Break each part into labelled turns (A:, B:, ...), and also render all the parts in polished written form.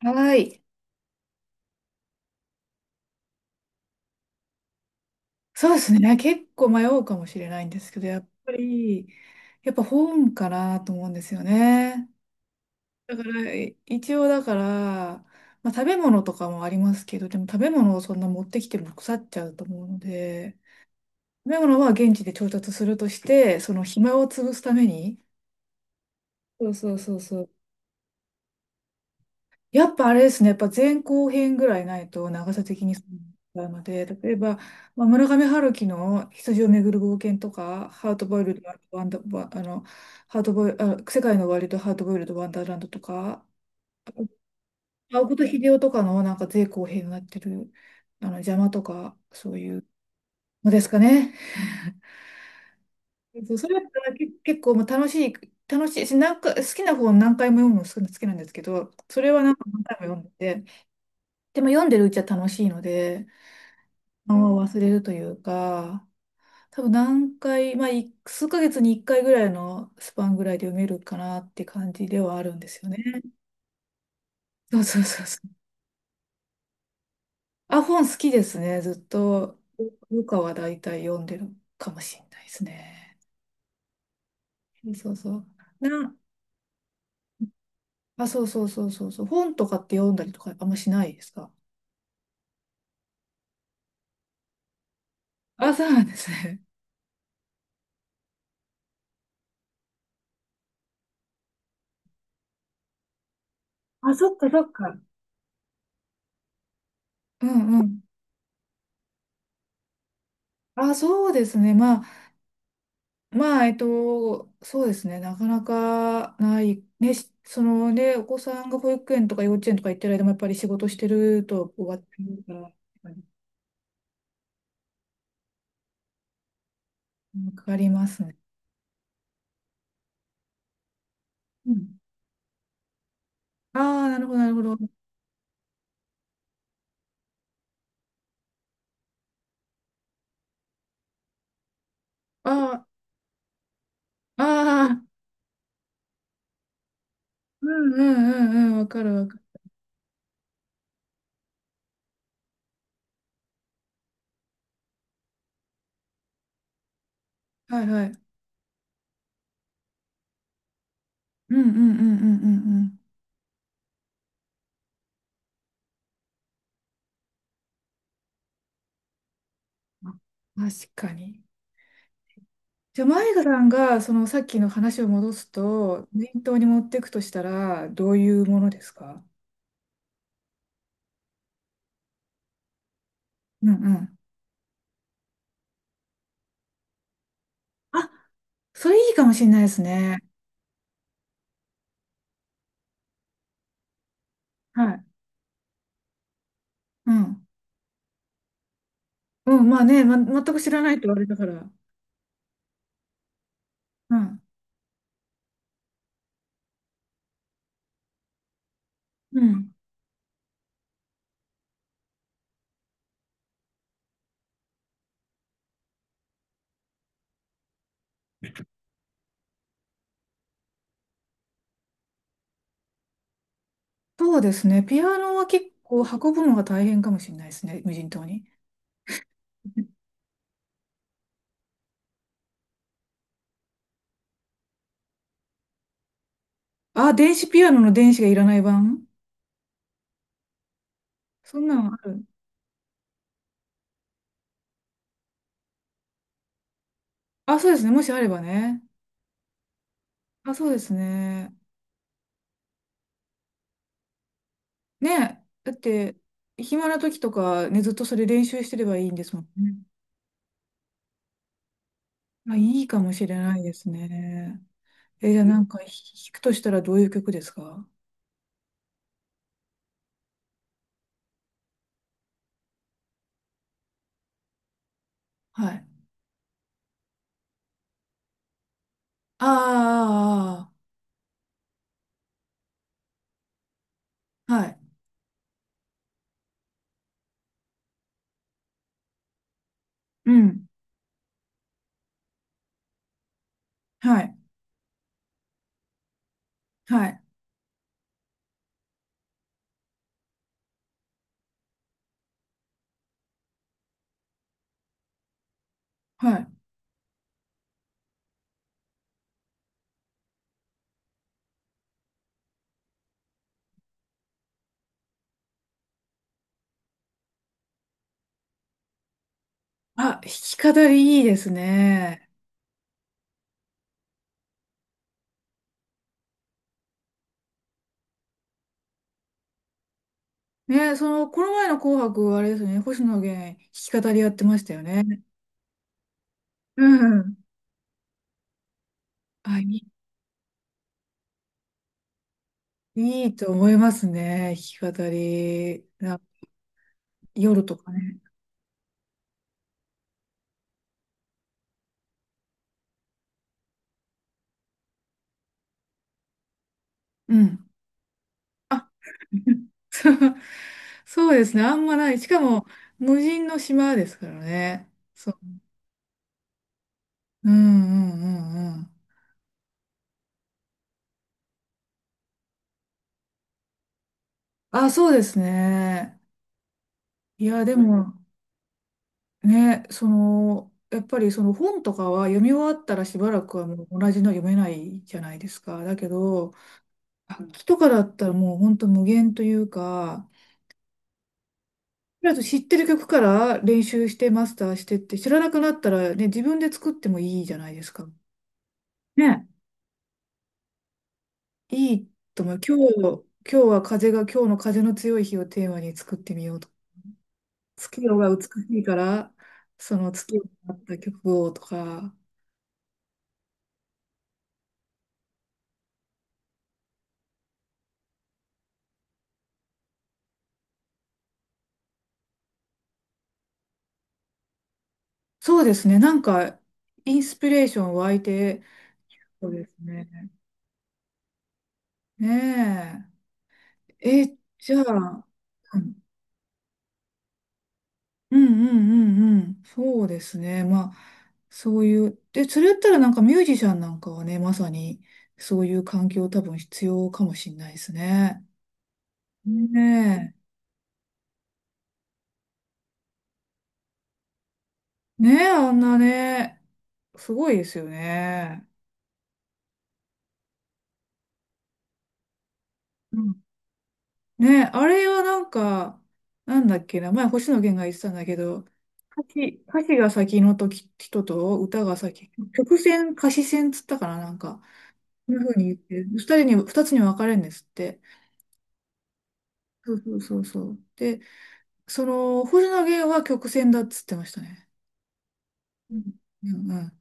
A: はい。そうですね。結構迷うかもしれないんですけど、やっぱり、やっぱ本かなと思うんですよね。だから、一応だから、まあ、食べ物とかもありますけど、でも食べ物をそんな持ってきても腐っちゃうと思うので、食べ物は現地で調達するとして、その暇を潰すために、そうそうそうそう、やっぱあれですね、やっぱ前後編ぐらいないと長さ的にそうなので、例えば、まあ、村上春樹の羊をめぐる冒険とか、ハートボイルド、ワンダ、ワあの、ハートボイル、あ、世界の終わりとハートボイルド、ワンダーランドとか、青子と秀夫とかのなんか前後編になってる、邪魔とか、そういうのですかね。そう、それだったら結構もう楽しい、楽しいし、なんか好きな本何回も読むの好きなんですけど、それはなんか何回も読んでて、でも読んでるうちは楽しいので、を忘れるというか、多分何回、まあ、数ヶ月に1回ぐらいのスパンぐらいで読めるかなって感じではあるんですよね。そうそうそうそう。あ、本好きですね。ずっと、ルカは大体読んでるかもしれないですね。そうそう。あ、そうそうそうそうそう。本とかって読んだりとかあんましないですか。あ、そうなんですね。あ、そっかそっか。うんうん。あ、そうですね。まあ、まあ、そうですね、なかなかない、ね、そのね、お子さんが保育園とか幼稚園とか行ってる間もやっぱり仕事してると終わってるから、やっぱりかかりますね。うん、ああ、なるほど、なるほど。ああ、ああ、うんうんうんうん、わかるわかる。はいはい。うんうんうんうんうんうん。あ、確かに。じゃあ、マイカさんが、そのさっきの話を戻すと、念頭に持っていくとしたら、どういうものですか。うんうん。あ、それいいかもしれないですね。はい。うん。うん、まあね、全く知らないと言われたから。うん。うん。そうですね。ピアノは結構運ぶのが大変かもしれないですね。無人島に。あ、電子ピアノの電子がいらない版。そんなのある。あ、そうですね。もしあればね。あ、そうですね。ねえ。だって、暇な時とか、ね、ずっとそれ練習してればいいんですもんね。あ、いいかもしれないですね。え、じゃあなんか弾くとしたらどういう曲ですか。はい。ああ、はい。うん。はい。はい。はい。あ、弾き語りいいですね。ね、その、この前の紅白、あれですね、星野源、弾き語りやってましたよね。うん。あ、いいと思いますね、弾き語り。夜とかね。うん。あ、そう、そうですね、あんまない。しかも、無人の島ですからね。そう。うんうんうんうん。あ、そうですね。いや、でも、ね、その、やっぱりその本とかは読み終わったらしばらくはもう同じの読めないじゃないですか。だけど、楽器とかだったらもう本当無限というか、とりあえず知ってる曲から練習してマスターしてって、知らなくなったらね、自分で作ってもいいじゃないですか。ね。いいと思う。今日、今日は風が、今日の風の強い日をテーマに作ってみようと。月夜が美しいから、その月夜になった曲をとか。そうですね。なんか、インスピレーション湧いて、そうですね。ねえ。え、じゃあ、うんうんうんうんうん。そうですね。まあ、そういう。で、それやったらなんかミュージシャンなんかはね、まさにそういう環境多分必要かもしれないですね。ねえ。ねえ、あんなね。すごいですよね。うん、ね、あれはなんか、なんだっけな、前星野源が言ってたんだけど、歌詞が先の時人と歌が先、曲線、歌詞線つったかな、なんか、こんな風に言って、二つに分かれるんですって。そうそうそうそう。で、その、星野源は曲線だっつってましたね。うん。うんうん。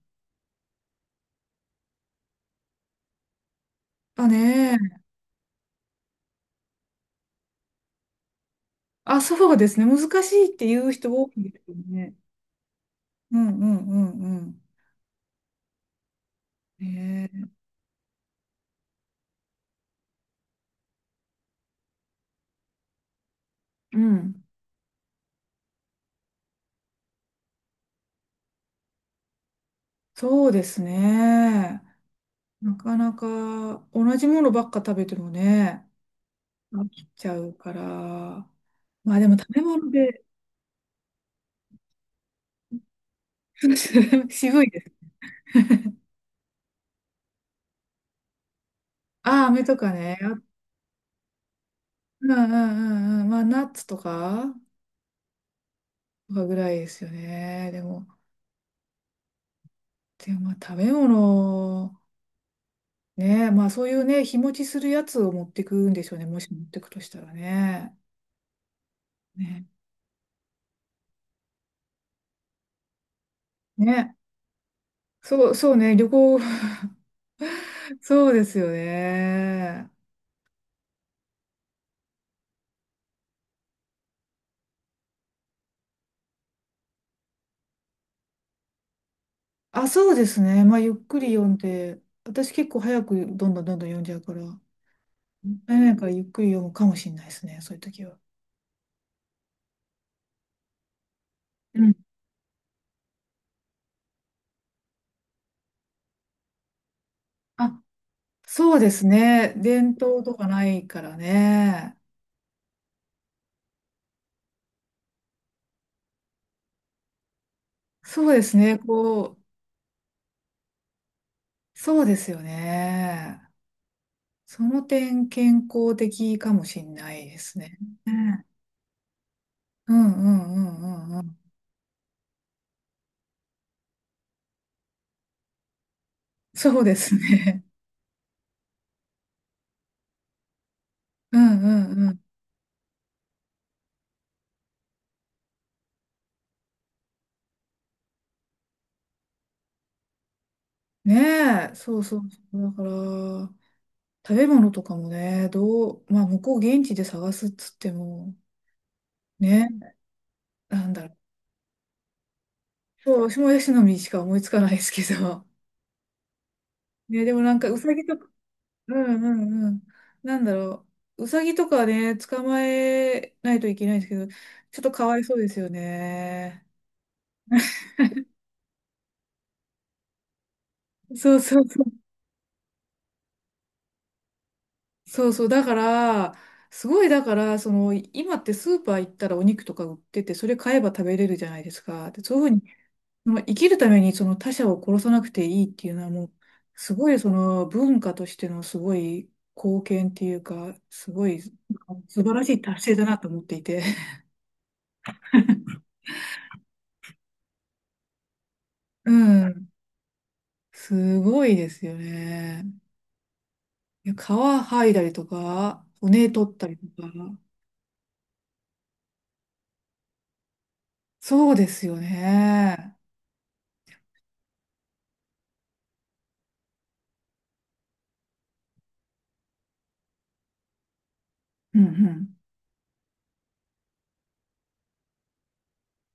A: あ、ね、あ、そうですね、難しいって言う人多いですよね。うんうんうんうん。ねえ、うん。そうですね。なかなか同じものばっか食べてもね、飽きちゃうから。まあでも食べ物で 渋いです。ああ、飴とかね。あ、うんうんうんうん。まあナッツとか、とかぐらいですよね。でも、でもまあ食べ物、ね、まあそういうね、日持ちするやつを持ってくんでしょうね。もし持ってくとしたらね。ね。ね。そうね。旅行、そうですよね。あ、そうですね。まあ、ゆっくり読んで、私結構早くどんどんどんどん読んじゃうから、もったいないからゆっくり読むかもしれないですね、そういう時は。うん。あ、そうですね。伝統とかないからね。そうですね。そうですよね。その点健康的かもしれないですね。ね、うんうんうんうんうん。そうですね。うんうんうん。ねえ、そうそうそう。だから、食べ物とかもね、どう、まあ、向こう現地で探すっつっても、ね、なんだろう。そう、私もヤシの実しか思いつかないですけど。ね、でもなんか、ウサギとか、うんうんうん。なんだろう。ウサギとかね、捕まえないといけないんですけど、ちょっとかわいそうですよね。そうそうそう。そうそう。だから、すごい、だから、その、今ってスーパー行ったらお肉とか売ってて、それ買えば食べれるじゃないですか。で、そういうふうにまあ、生きるためにその他者を殺さなくていいっていうのはもう、すごいその文化としてのすごい貢献っていうか、すごい 素晴らしい達成だなと思っていて。うん。すごいですよね。いや皮剥いだりとか、骨取ったりとか。そうですよね。うんうん。